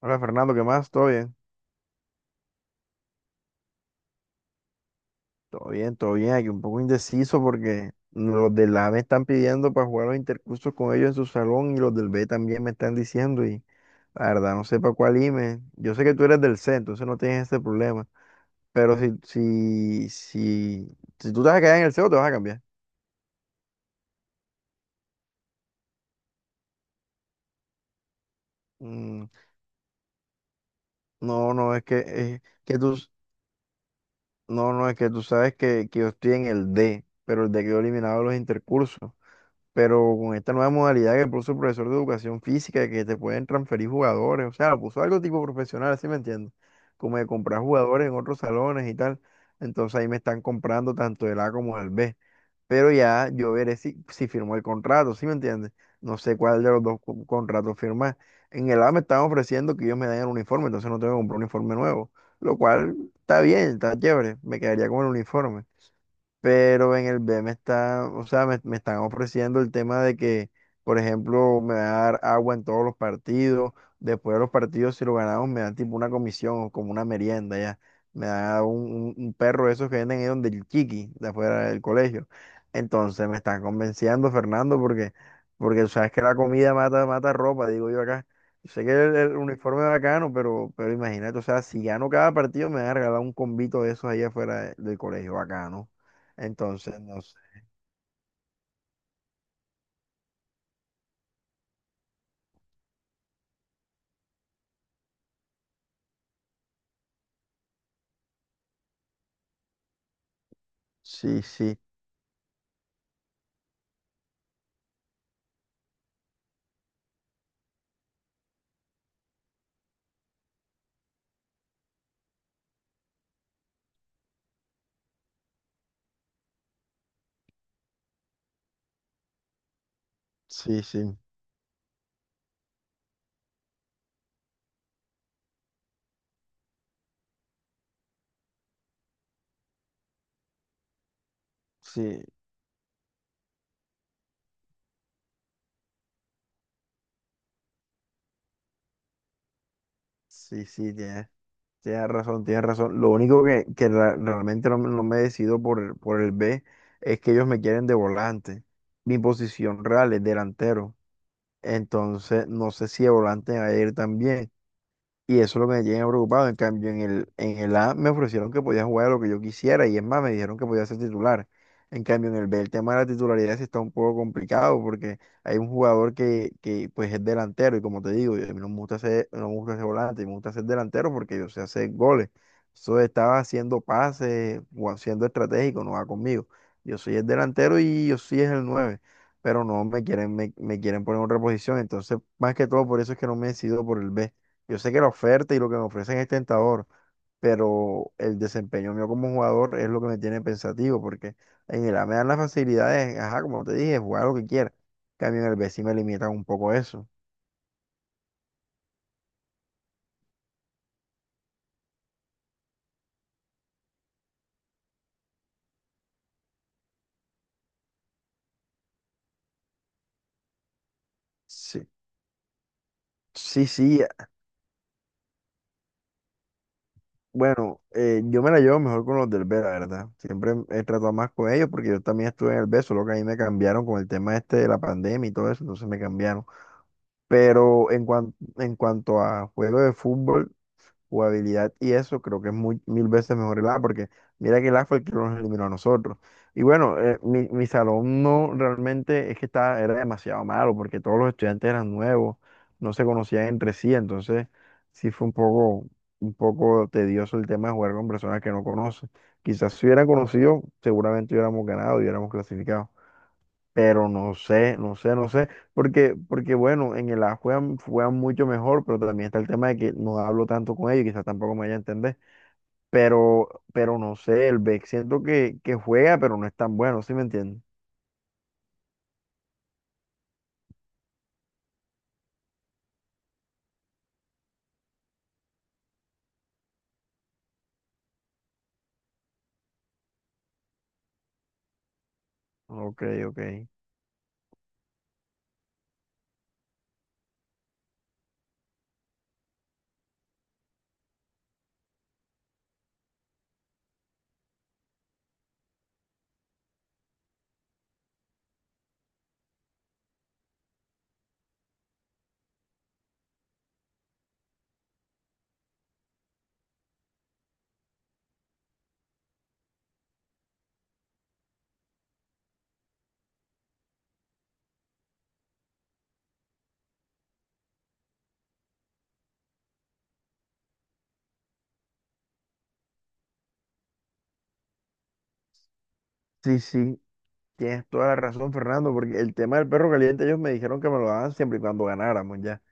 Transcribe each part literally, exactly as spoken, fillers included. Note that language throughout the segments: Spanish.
Hola Fernando, ¿qué más? ¿Todo bien? Todo bien, todo bien. Aquí un poco indeciso porque los del A me están pidiendo para jugar los intercursos con ellos en su salón y los del B también me están diciendo y la verdad no sé para cuál irme. Yo sé que tú eres del C, entonces no tienes ese problema. Pero si, si, si, si tú te vas a quedar en el C o te vas a cambiar. Mm, no, no, es que, es que tú, no, no, es que tú sabes que, que yo estoy en el D, pero el D quedó eliminado de los intercursos. Pero con esta nueva modalidad que puso el profesor de educación física, que te pueden transferir jugadores, o sea, lo puso algo tipo profesional, ¿sí me entiendes? Como de comprar jugadores en otros salones y tal. Entonces ahí me están comprando tanto el A como el B. Pero ya yo veré si, si firmo el contrato, ¿sí me entiendes? No sé cuál de los dos co- contratos firmar. En el A me están ofreciendo que ellos me den el uniforme, entonces no tengo que comprar un uniforme nuevo, lo cual está bien, está chévere, me quedaría con el uniforme. Pero en el B me está, o sea, me, me están ofreciendo el tema de que, por ejemplo, me va a dar agua en todos los partidos, después de los partidos, si lo ganamos, me dan tipo una comisión o como una merienda, ya, me da un, un- un perro de esos que venden ahí donde el chiqui, de afuera del colegio. Entonces me están convenciendo, Fernando, porque, porque tú sabes que la comida mata, mata ropa, digo yo acá. Yo sé que el, el uniforme es bacano, pero, pero imagínate, o sea, si gano cada partido, me van a regalar un combito de esos ahí afuera de- del colegio, bacano. Entonces, no sé. Sí, sí, sí, sí, sí, sí, sí, tienes, tienes razón, tienes razón. Lo único que, que ra- realmente no, me no me decido por el, por el B es que ellos me quieren de volante. Mi posición real es delantero. Entonces, no sé si de volante me va a ir también. Y eso es lo que me tiene preocupado. En cambio, en el, en el A me ofrecieron que podía jugar a lo que yo quisiera y es más, me dijeron que podía ser titular. En cambio, en el B el tema de la titularidad sí está un poco complicado porque hay un jugador que, que pues es delantero y como te digo, yo- a mí no me gusta ser, no me gusta ser volante, me gusta ser delantero porque yo sé hacer goles. Eso estaba haciendo pases o haciendo estratégico, no va conmigo. Yo soy el delantero y yo sí es el nueve, pero no me quieren, me, me quieren poner en otra posición. Entonces, más que todo, por eso es que no me he decidido por el B. Yo sé que la oferta y lo que me ofrecen es tentador, pero el desempeño mío como jugador es lo que me tiene pensativo, porque en el A me dan las facilidades, ajá, como te dije, jugar lo que quiera. En cambio, en el B sí me limitan un poco eso. Sí, sí, sí. Bueno, eh, yo me la llevo mejor con los del B, la verdad. Siempre he tratado más con ellos porque yo también estuve en el B, solo que a mí me cambiaron con el tema este de la pandemia y todo eso, entonces me cambiaron. Pero en, cuan- en cuanto a juego de fútbol, jugabilidad y eso creo que es muy, mil veces mejor el A, porque mira que el A fue el que nos eliminó a nosotros. Y bueno, eh, mi, mi salón no realmente es que estaba, era demasiado malo, porque todos los estudiantes eran nuevos, no se conocían entre sí, entonces sí fue un poco, un poco tedioso el tema de jugar con personas que no conoces. Quizás si hubieran conocido, seguramente hubiéramos ganado y hubiéramos clasificado. Pero no sé, no sé, no sé, porque, porque bueno, en el A juegan, juegan mucho mejor, pero también está el tema de que no hablo tanto con ellos, quizás tampoco me vaya a entender, pero, pero no sé, el B E C siento que, que juega, pero no es tan bueno, ¿sí me entiendes? Ok, ok. Sí, sí, tienes toda la razón, Fernando, porque el tema del perro caliente ellos me dijeron que me lo daban siempre y cuando ganáramos ya.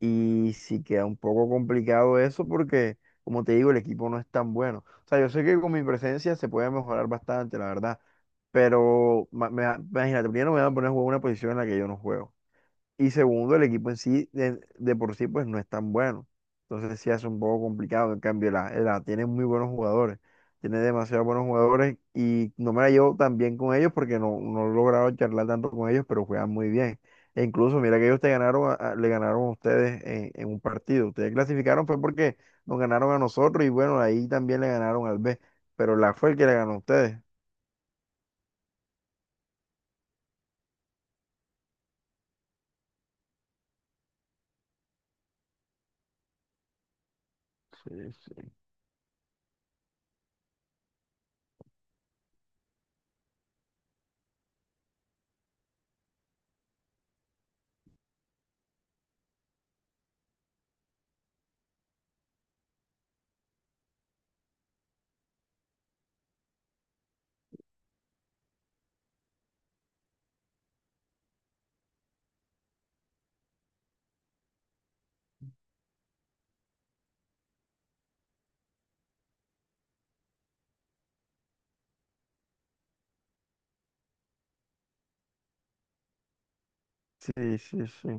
Y sí queda un poco complicado eso porque, como te digo, el equipo no es tan bueno. O sea, yo sé que con mi presencia se puede mejorar bastante, la verdad. Pero ma- me da- imagínate, primero me van a poner a jugar una posición en la que yo no juego. Y segundo, el equipo en sí, de, de por sí, pues no es tan bueno. Entonces sí hace un poco complicado. En cambio, la, la tiene muy buenos jugadores. Tiene demasiados buenos jugadores y no me la llevo tan bien con ellos porque no, no he logrado charlar tanto con ellos, pero juegan muy bien. E incluso, mira que ellos te ganaron, a- a- le ganaron a ustedes en, en un partido. Ustedes clasificaron fue porque nos ganaron a nosotros y bueno, ahí también le ganaron al B. Pero la fue el que le ganó a ustedes. Sí, sí. Sí, sí, sí.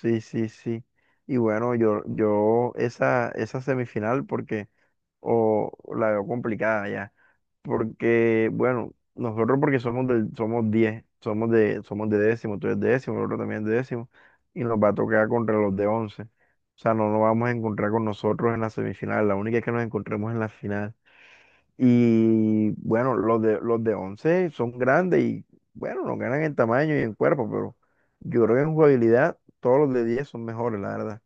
Sí, sí, sí. Y bueno, yo, yo esa, esa semifinal porque, o la veo complicada ya. Porque, bueno, nosotros porque somos del, somos diez, somos de, somos de décimo, tú eres de décimo, el otro también es de décimo, y nos va a tocar contra los de once. O sea, no nos vamos a encontrar con nosotros en la semifinal, la única es que nos encontremos en la final. Y bueno, los de, los de once son grandes y bueno, nos ganan en tamaño y en cuerpo, pero yo creo que en jugabilidad todos los de diez son mejores, la verdad.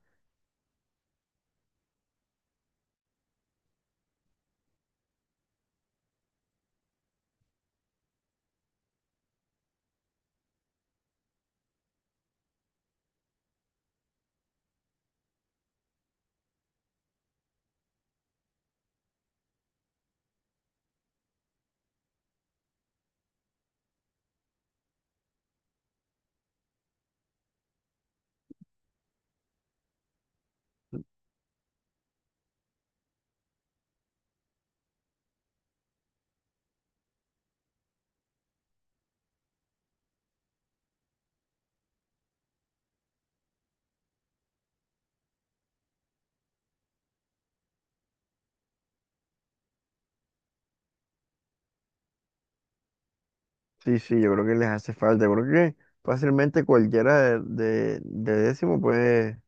Sí, sí, yo creo que les hace falta. Yo creo que fácilmente cualquiera de, de, de décimo puede,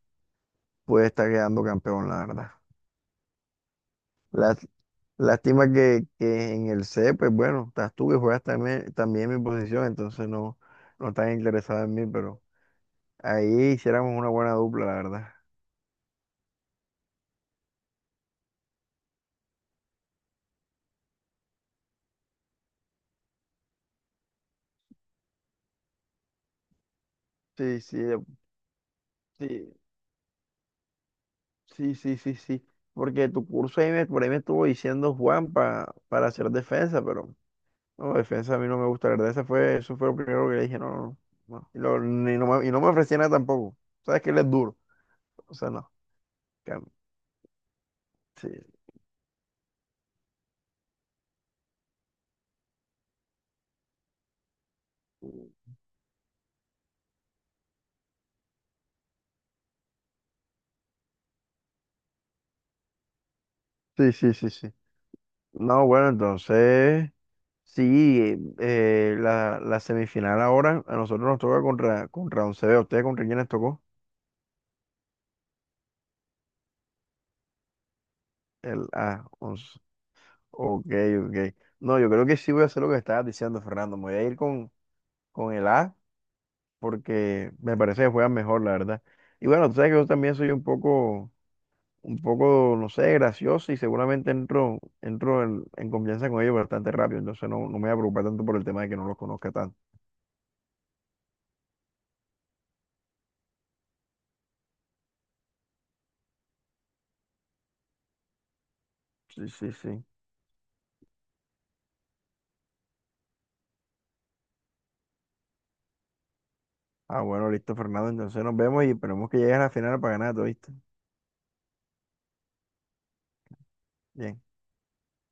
puede estar quedando campeón, la verdad. Lás- lástima que, que en el C, pues bueno, estás tú que juegas también, también mi posición, entonces no, no estás interesado en mí, pero ahí hiciéramos una buena dupla, la verdad. Sí, sí, de- sí. Sí, sí, sí, sí. Porque tu curso ahí me, por ahí me estuvo diciendo Juan pa- para hacer defensa, pero no, defensa a mí no me gusta, la verdad. Ese fue, eso fue lo primero que le dije, no, no, no. No. Y, lo- ni no me, y no me ofrecía nada tampoco. Sabes que él es duro. O sea, no. que- Sí, sí, sí, sí, sí. No, bueno, entonces, sí, eh, la, la semifinal ahora a nosotros nos toca contra, contra once B. ¿Ustedes contra quién les tocó? El A once. Ok, ok. No, yo creo que sí voy a hacer lo que estabas diciendo, Fernando. Me voy a ir con, con el A porque me parece que juegan mejor, la verdad. Y bueno, tú sabes que yo también soy un poco, un poco, no sé, gracioso y seguramente entro, entro en, en confianza con ellos bastante rápido. Entonces no, no me voy a preocupar tanto por el tema de que no los conozca tanto. Sí, sí, sí. Ah, bueno, listo, Fernando. Entonces nos vemos y esperemos que llegues a la final para ganar, ¿oíste? Bien.